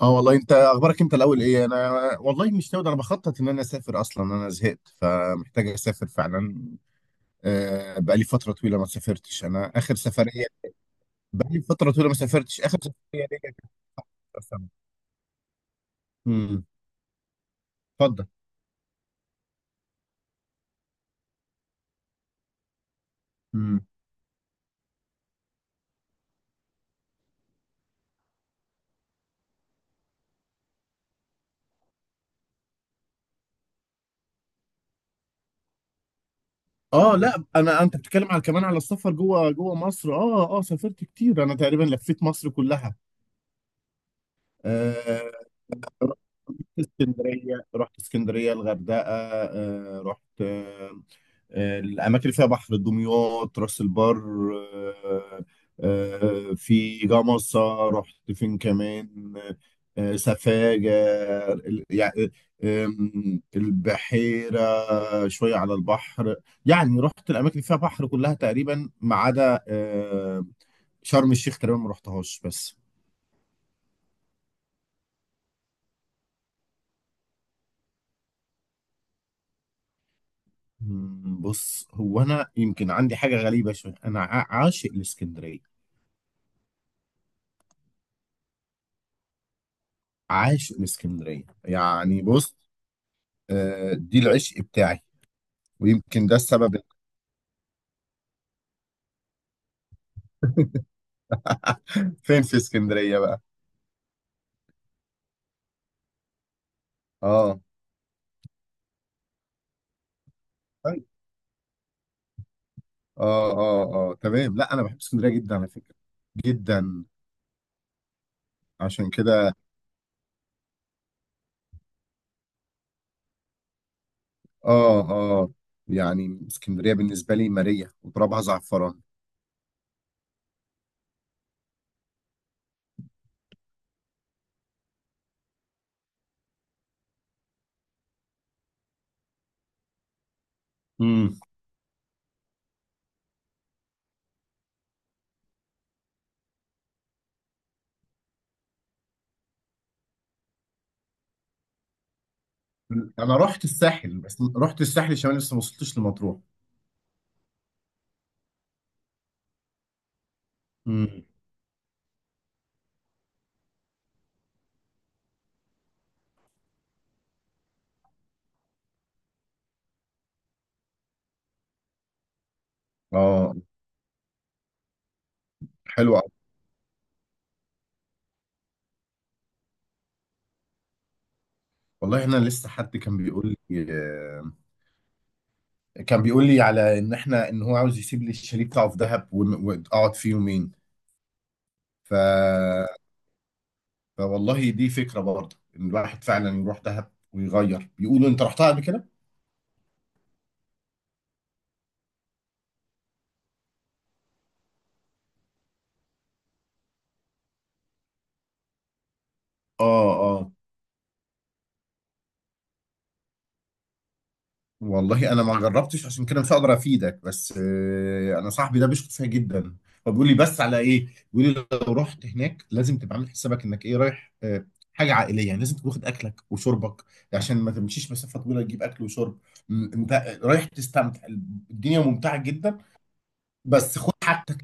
اه والله، انت اخبارك؟ انت الاول. ايه انا؟ والله مش ناوي، ده انا بخطط ان انا اسافر، اصلا انا زهقت فمحتاج اسافر فعلا. بقالي فتره طويله ما سافرتش انا، اخر سفريه، بقالي فتره طويله ما سافرتش، اخر سفريه ليا كانت في سنه. امم. اتفضل. امم. اه، لا، انا انت بتتكلم على كمان على السفر جوه مصر. اه اه، سافرت كتير انا، تقريبا لفيت مصر كلها. آه، رحت رحت اسكندريه الغردقه. رحت الأماكن اللي فيها بحر، دمياط، راس البر. آه، في جمصة. رحت فين كمان؟ سفاجة، يعني البحيرة، شوية على البحر. يعني رحت الأماكن اللي فيها بحر كلها تقريبا ما عدا شرم الشيخ، تقريبا ما رحتهاش. بس بص، هو أنا يمكن عندي حاجة غريبة شوية. أنا عاشق الإسكندرية، عاشق الإسكندرية، يعني بص دي العشق بتاعي، ويمكن ده السبب إن-. فين في اسكندرية بقى؟ اه، طيب. اه اه اه، تمام. لا، انا بحب اسكندرية جدا على فكرة، جدا. عشان كده، اه اه، يعني اسكندرية بالنسبة لي مارية وترابها زعفران. امم انا رحت الساحل، بس رحت الساحل الشمالي، لسه ما وصلتش لمطروح. امم اه، حلوة أوي. والله، انا لسه حد كان بيقول لي، كان بيقول لي على ان احنا ان هو عاوز يسيب لي الشاليه بتاعه في دهب واقعد فيه يومين. ف... فوالله دي فكرة برضه ان الواحد فعلا يروح دهب ويغير. بيقولوا انت رحتها قبل كده؟ اه اه، والله انا ما جربتش، عشان كده مش هقدر افيدك، بس انا صاحبي ده بيشكر فيها جدا، فبيقول لي. بس على ايه؟ بيقول لي لو رحت هناك لازم تبقى عامل حسابك انك ايه، رايح حاجة عائلية، يعني لازم تكون واخد اكلك وشربك عشان ما تمشيش مسافة طويلة تجيب اكل وشرب. انت رايح تستمتع، الدنيا ممتعة جدا، بس خد حاجتك.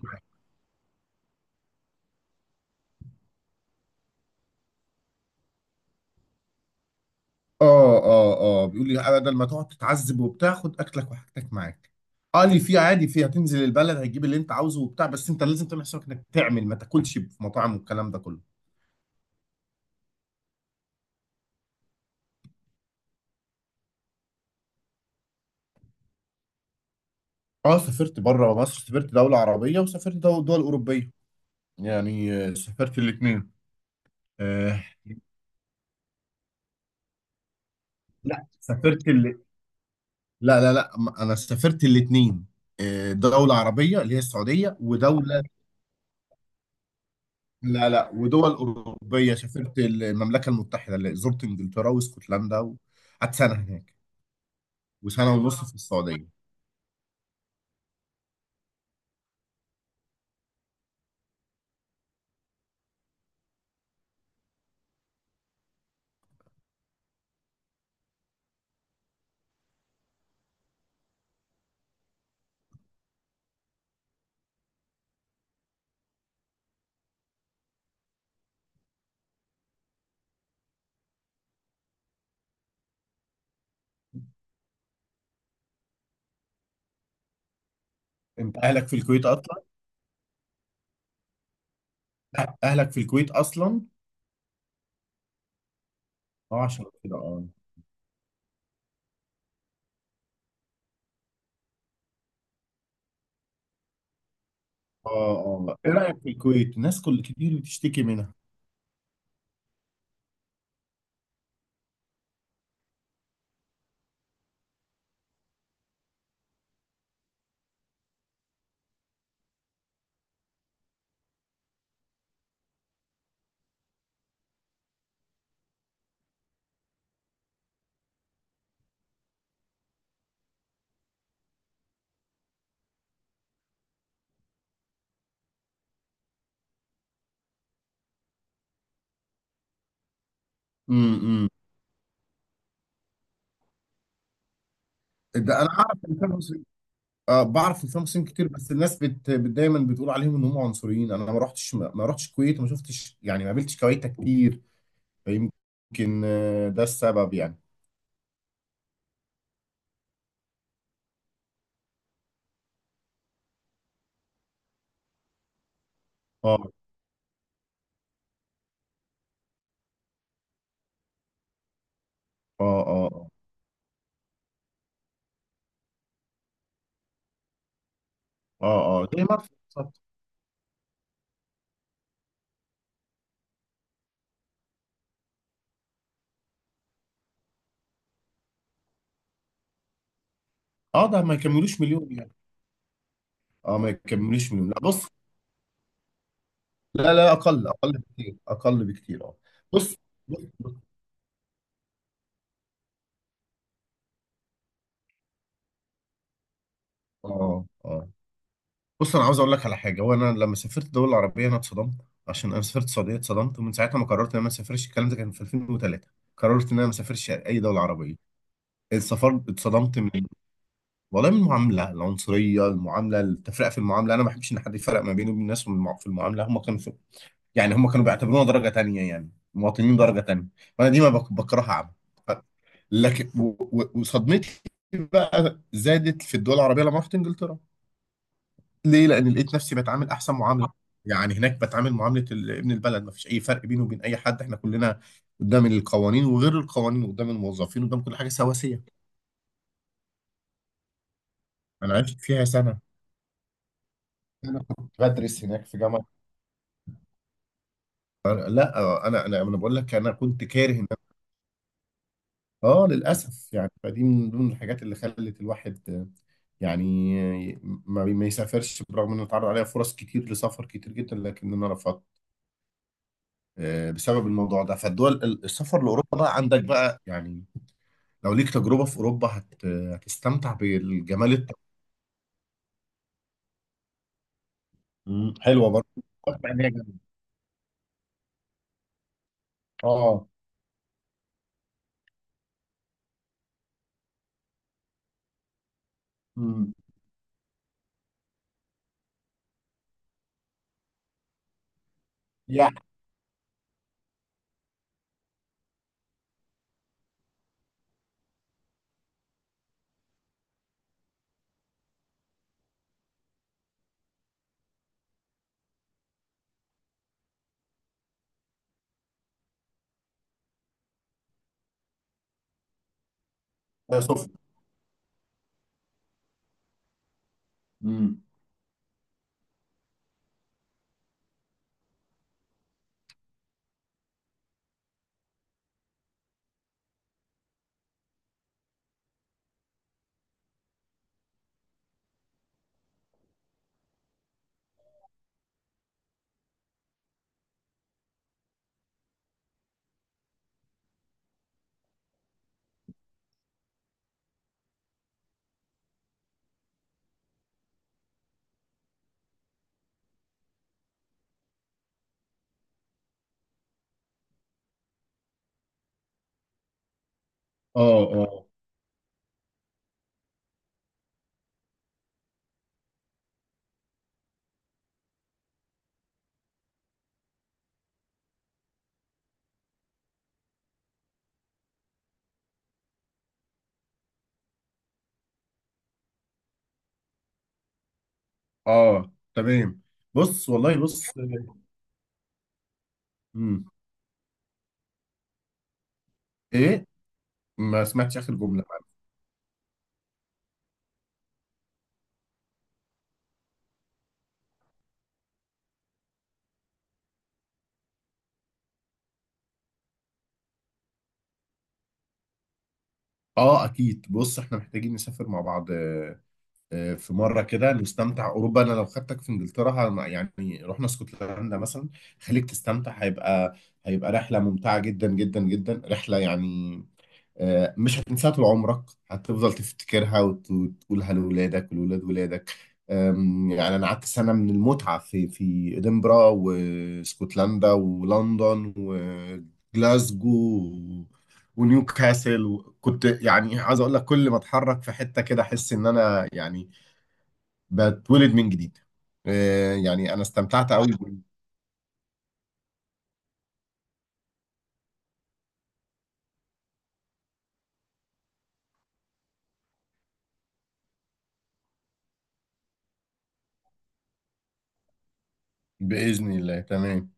اه اه اه، بيقول لي بدل ما تقعد تتعذب وبتاع، خد اكلك وحاجتك معاك. قال لي في عادي، في هتنزل البلد هتجيب اللي انت عاوزه وبتاع، بس انت لازم تعمل حسابك انك تعمل ما تاكلش في مطاعم والكلام ده كله. اه، سافرت بره مصر، سافرت دولة عربية وسافرت دول أوروبية. يعني سافرت الاثنين. آه لا، سافرت لا لا لا، انا سافرت الاثنين. دولة عربية اللي هي السعودية ودولة، لا لا، ودول أوروبية. سافرت المملكة المتحدة اللي زرت إنجلترا واسكتلندا، وقعدت سنة هناك، وسنة ونص في السعودية. أنت أهلك في الكويت أصلا؟ لا، أهلك في الكويت أصلا؟ أه، عشان كده، أه. أه أه، إيه رأيك في الكويت؟ ناس كل كتير بتشتكي منها. امم ده أنا أعرف إن فيها مسلمين، أه بعرف إن فيها مسلمين كتير، بس الناس بت دايما بتقول عليهم إن هم عنصريين. أنا ما رحتش، الكويت وما شفتش، يعني ما قابلتش كويتة كتير، فيمكن ده السبب يعني. أه أه أه آه. اه اه، زي مدفع، بالظبط. اه، ده ما يكملوش مليون يعني. اه، ما يكملوش مليون، لا بص. لا لا، اقل اقل بكتير، اقل بكتير، اه. بص بص بص، اه اه، بص انا عاوز اقول لك على حاجه. وانا لما سافرت دول العربيه انا اتصدمت، عشان انا سافرت السعوديه اتصدمت، ومن ساعتها ما قررت ان انا ما اسافرش. الكلام ده كان في 2003، قررت ان انا ما اسافرش اي دوله عربيه. السفر، اتصدمت من، والله، من المعامله العنصريه، المعامله، التفرقه في المعامله. انا ما بحبش ان حد يفرق ما بيني وبين الناس في في المعامله. هم كانوا، يعني هم كانوا بيعتبرونا درجة تانية، يعني مواطنين درجة تانية. فأنا دي ما بكرهها عم. ف- لكن وصدمتي بقى زادت في الدول العربية لما رحت إنجلترا. ليه؟ لأن لقيت نفسي بتعامل أحسن معاملة. يعني هناك بتعامل معاملة ابن البلد، ما فيش أي فرق بينه وبين أي حد، إحنا كلنا قدام القوانين وغير القوانين، قدام الموظفين، قدام كل حاجة، سواسية. أنا عشت فيها سنة، أنا كنت بدرس هناك في جامعة. لا، أنا بقول لك، أنا كنت كاره، اه، للاسف يعني. فدي من ضمن الحاجات اللي خلت الواحد يعني ما يسافرش، برغم انه اتعرض عليها فرص كتير لسفر كتير جدا، لكن انا رفضت بسبب الموضوع ده. فالدول السفر لاوروبا بقى عندك بقى يعني، لو ليك تجربه في اوروبا هتستمتع بالجمال الط-. حلوه برضه. أتوقع إن هي جميلة. اه. مم. يا سفن. مم. اه اه اه، تمام. بص والله بص. مم. ايه؟ ما سمعتش اخر جمله. اه، اكيد، بص احنا محتاجين نسافر مع بعض في مره كده نستمتع اوروبا. انا لو خدتك في انجلترا يعني رحنا اسكتلندا مثلا، خليك تستمتع. هيبقى رحله ممتعه جدا جدا جدا، رحله يعني مش هتنساها طول عمرك، هتفضل تفتكرها وتقولها لأولادك ولولاد ولادك. يعني أنا قعدت سنة من المتعة في إدنبرا واسكتلندا ولندن وجلاسجو و- ونيوكاسل. وكنت يعني عايز أقول لك، كل ما أتحرك في حتة كده أحس إن أنا يعني بتولد من جديد. يعني أنا استمتعت أوي. بإذن الله، تمام.